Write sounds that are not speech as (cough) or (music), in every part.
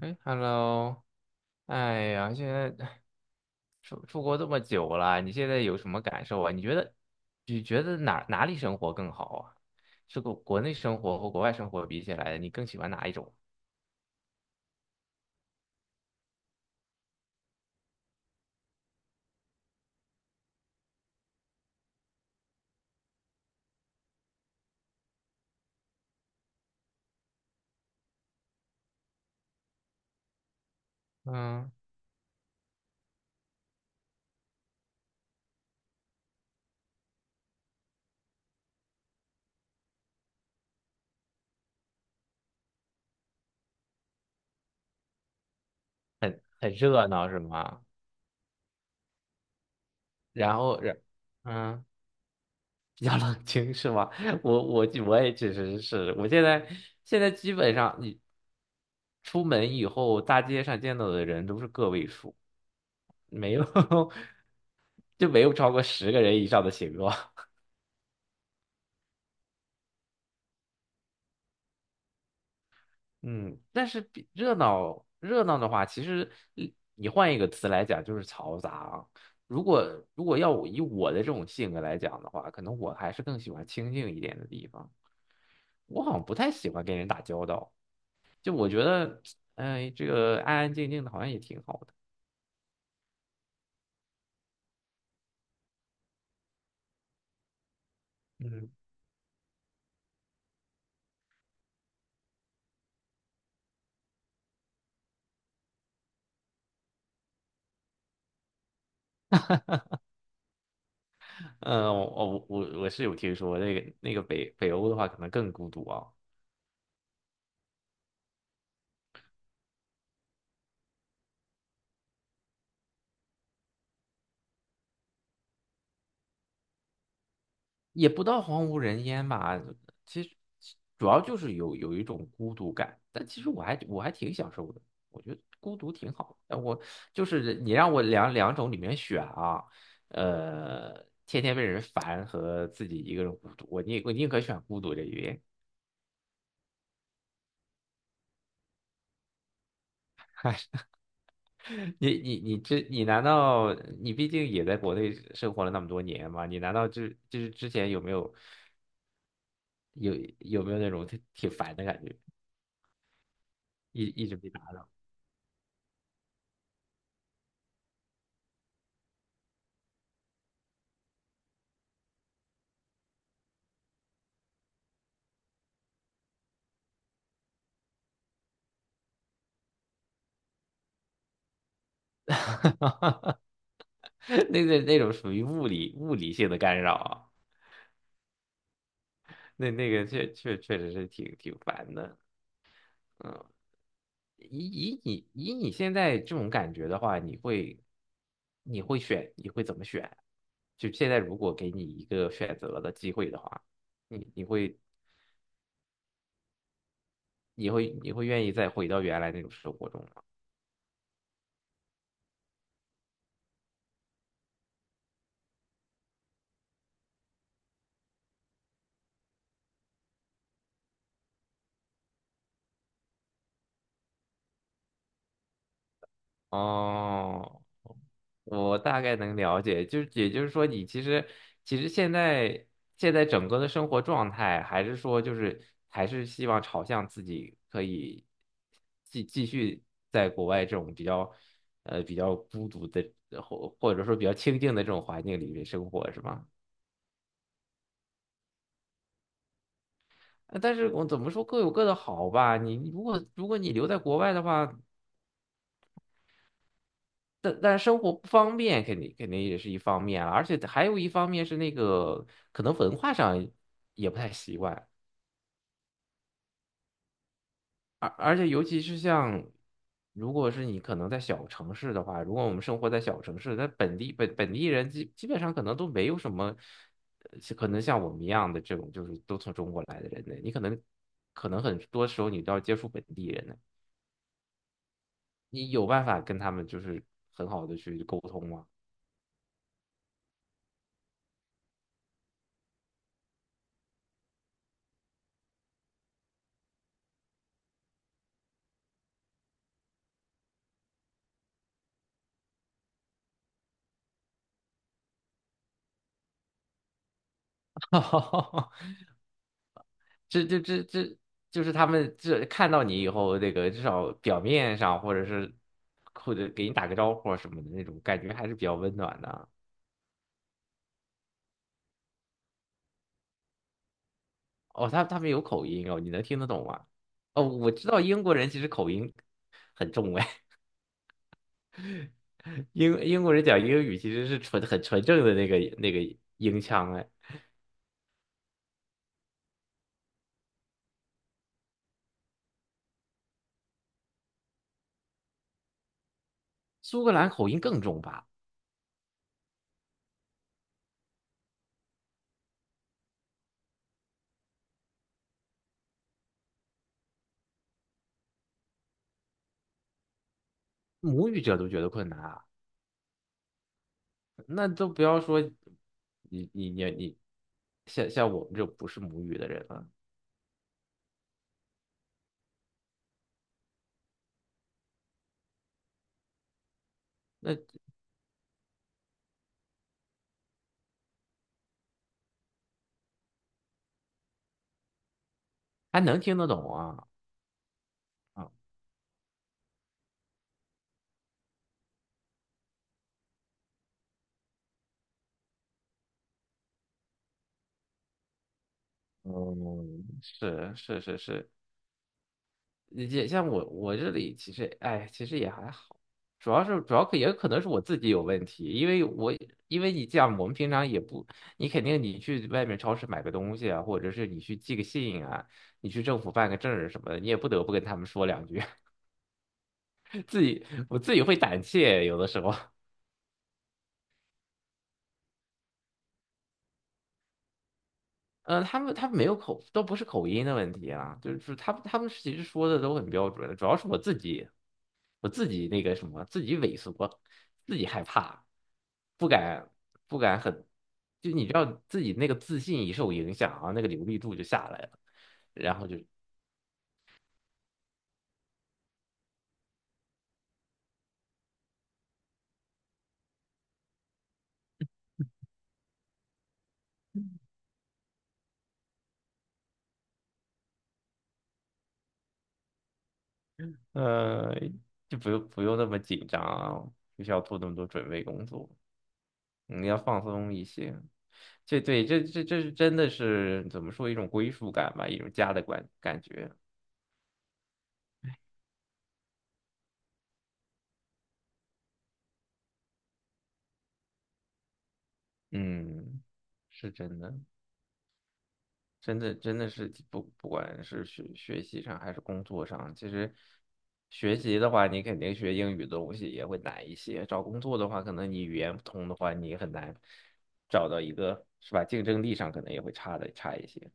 哎，Hello，哎呀，现在出国这么久了，你现在有什么感受啊？你觉得哪里生活更好啊？是国内生活和国外生活比起来，你更喜欢哪一种？嗯，很热闹是吗？然后，然嗯，比较冷清是吗？(laughs) 我也确实是，我现在基本上你出门以后，大街上见到的人都是个位数。没有。 (laughs) 就没有超过十个人以上的行作。嗯，但是比热闹的话，其实你换一个词来讲就是嘈杂啊。如果要我以我的这种性格来讲的话，可能我还是更喜欢清静一点的地方。我好像不太喜欢跟人打交道，就我觉得，哎，这个安安静静的好像也挺好的。嗯，呃，我我是有听说那个北欧的话，可能更孤独啊。也不到荒无人烟吧，其实主要就是有一种孤独感，但其实我还挺享受的，我觉得孤独挺好的。我就是你让我两种里面选啊，呃，天天被人烦和自己一个人孤独，我宁可选孤独这一边。(laughs) 你这你难道你毕竟也在国内生活了那么多年嘛？你难道就是之前有没有有有没有那种挺烦的感觉，一直被打？(laughs) 那种属于物理性的干扰啊，那个确实是挺烦的，嗯，以你现在这种感觉的话，你会怎么选？就现在如果给你一个选择的机会的话，你你会你会愿意再回到原来那种生活中吗？哦，我大概能了解，就是也就是说，你其实现在整个的生活状态，还是说就是还是希望朝向自己可以继续在国外这种比较比较孤独的或者说比较清静的这种环境里面生活，是吗？呃，但是我怎么说各有各的好吧。你如果你留在国外的话，但生活不方便，肯定也是一方面啊，而且还有一方面是那个可能文化上也不太习惯，而且尤其是像如果是你可能在小城市的话，如果我们生活在小城市，那本地本地人基本上可能都没有什么，呃，可能像我们一样的这种就是都从中国来的人呢，你可能很多时候你都要接触本地人呢，你有办法跟他们就是很好的去沟通吗？(laughs) 这就是他们这看到你以后，那个至少表面上或者是或者给你打个招呼啊什么的那种感觉，还是比较温暖的。哦，他们有口音哦，你能听得懂吗？哦，我知道英国人其实口音很重哎，(laughs) 英国人讲英语其实是很纯正的那个英腔哎，苏格兰口音更重吧？母语者都觉得困难啊，那都不要说你，像我们这种不是母语的人了。那还能听得懂啊。啊，嗯，是，也像我我这里其实哎，其实也还好，主要可也可能是我自己有问题，因为因为你这样，我们平常也不，你肯定你去外面超市买个东西啊，或者是你去寄个信啊，你去政府办个证儿什么的，你也不得不跟他们说两句，(laughs) 我自己会胆怯，有的时候。呃，他们没有口，都不是口音的问题啊，就是他们其实说的都很标准，主要是我自己，我自己那个什么，自己萎缩，自己害怕，不敢不敢很，就你知道自己那个自信一受影响啊，那个流利度就下来了，然后就呃就不用那么紧张啊，不需要做那么多准备工作，你要放松一些。这对，这是真的是怎么说一种归属感吧，一种家的感觉。嗯，是真的，真的是不管是学习上还是工作上，其实学习的话，你肯定学英语的东西也会难一些。找工作的话，可能你语言不通的话，你很难找到一个，是吧？竞争力上可能也会差一些，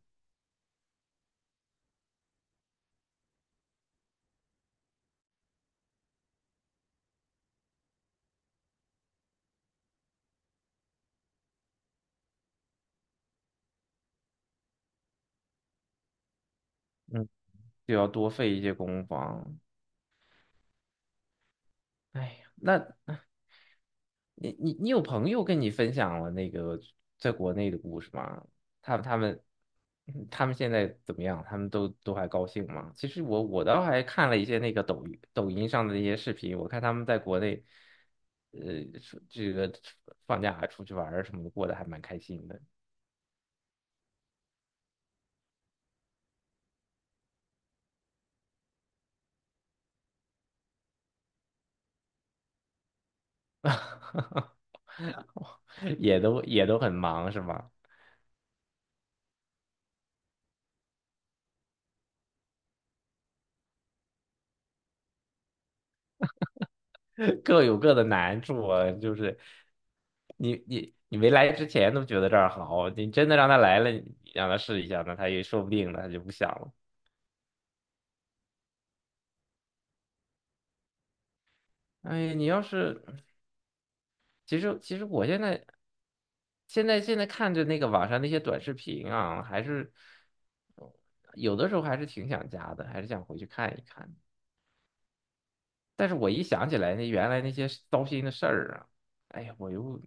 嗯，就要多费一些攻防。哎呀，那你有朋友跟你分享了那个在国内的故事吗？他们嗯他们现在怎么样？他们都还高兴吗？其实我倒还看了一些那个抖音上的那些视频，我看他们在国内，呃，出这个放假出去玩儿什么的，过得还蛮开心的，(laughs) 也都很忙是吗？(laughs) 各有各的难处啊，就是你没来之前都觉得这儿好，你真的让他来了，你让他试一下，那他也说不定呢，他就不想了。哎，你要是其实我现在看着那个网上那些短视频啊，还是有的时候还是挺想家的，还是想回去看一看。但是我一想起来那原来那些糟心的事儿啊，哎呀，我又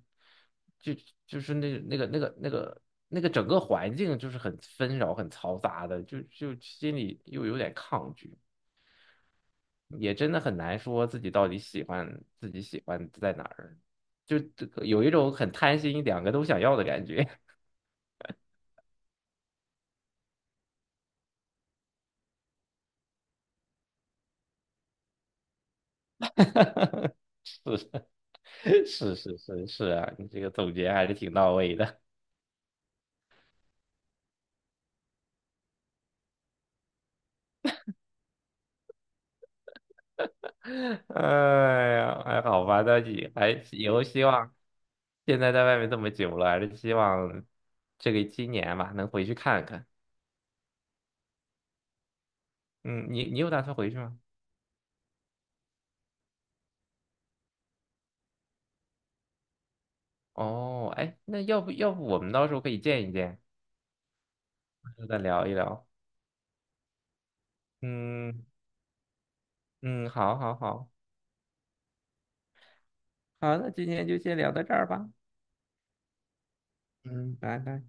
就就是那个整个环境就是很纷扰、很嘈杂的，就心里又有点抗拒，也真的很难说自己到底喜欢自己喜欢在哪儿，就这个有一种很贪心，两个都想要的感觉。(laughs) 是是是啊，你这个总结还是挺到位的。(laughs) 哎呀，还好吧，但也还以后希望现在在外面这么久了，还是希望这个今年吧能回去看看。嗯，你有打算回去吗？哦，哎，那要不我们到时候可以见一见，然后再聊一聊。嗯嗯，好好好，好，那今天就先聊到这儿吧。嗯，拜拜。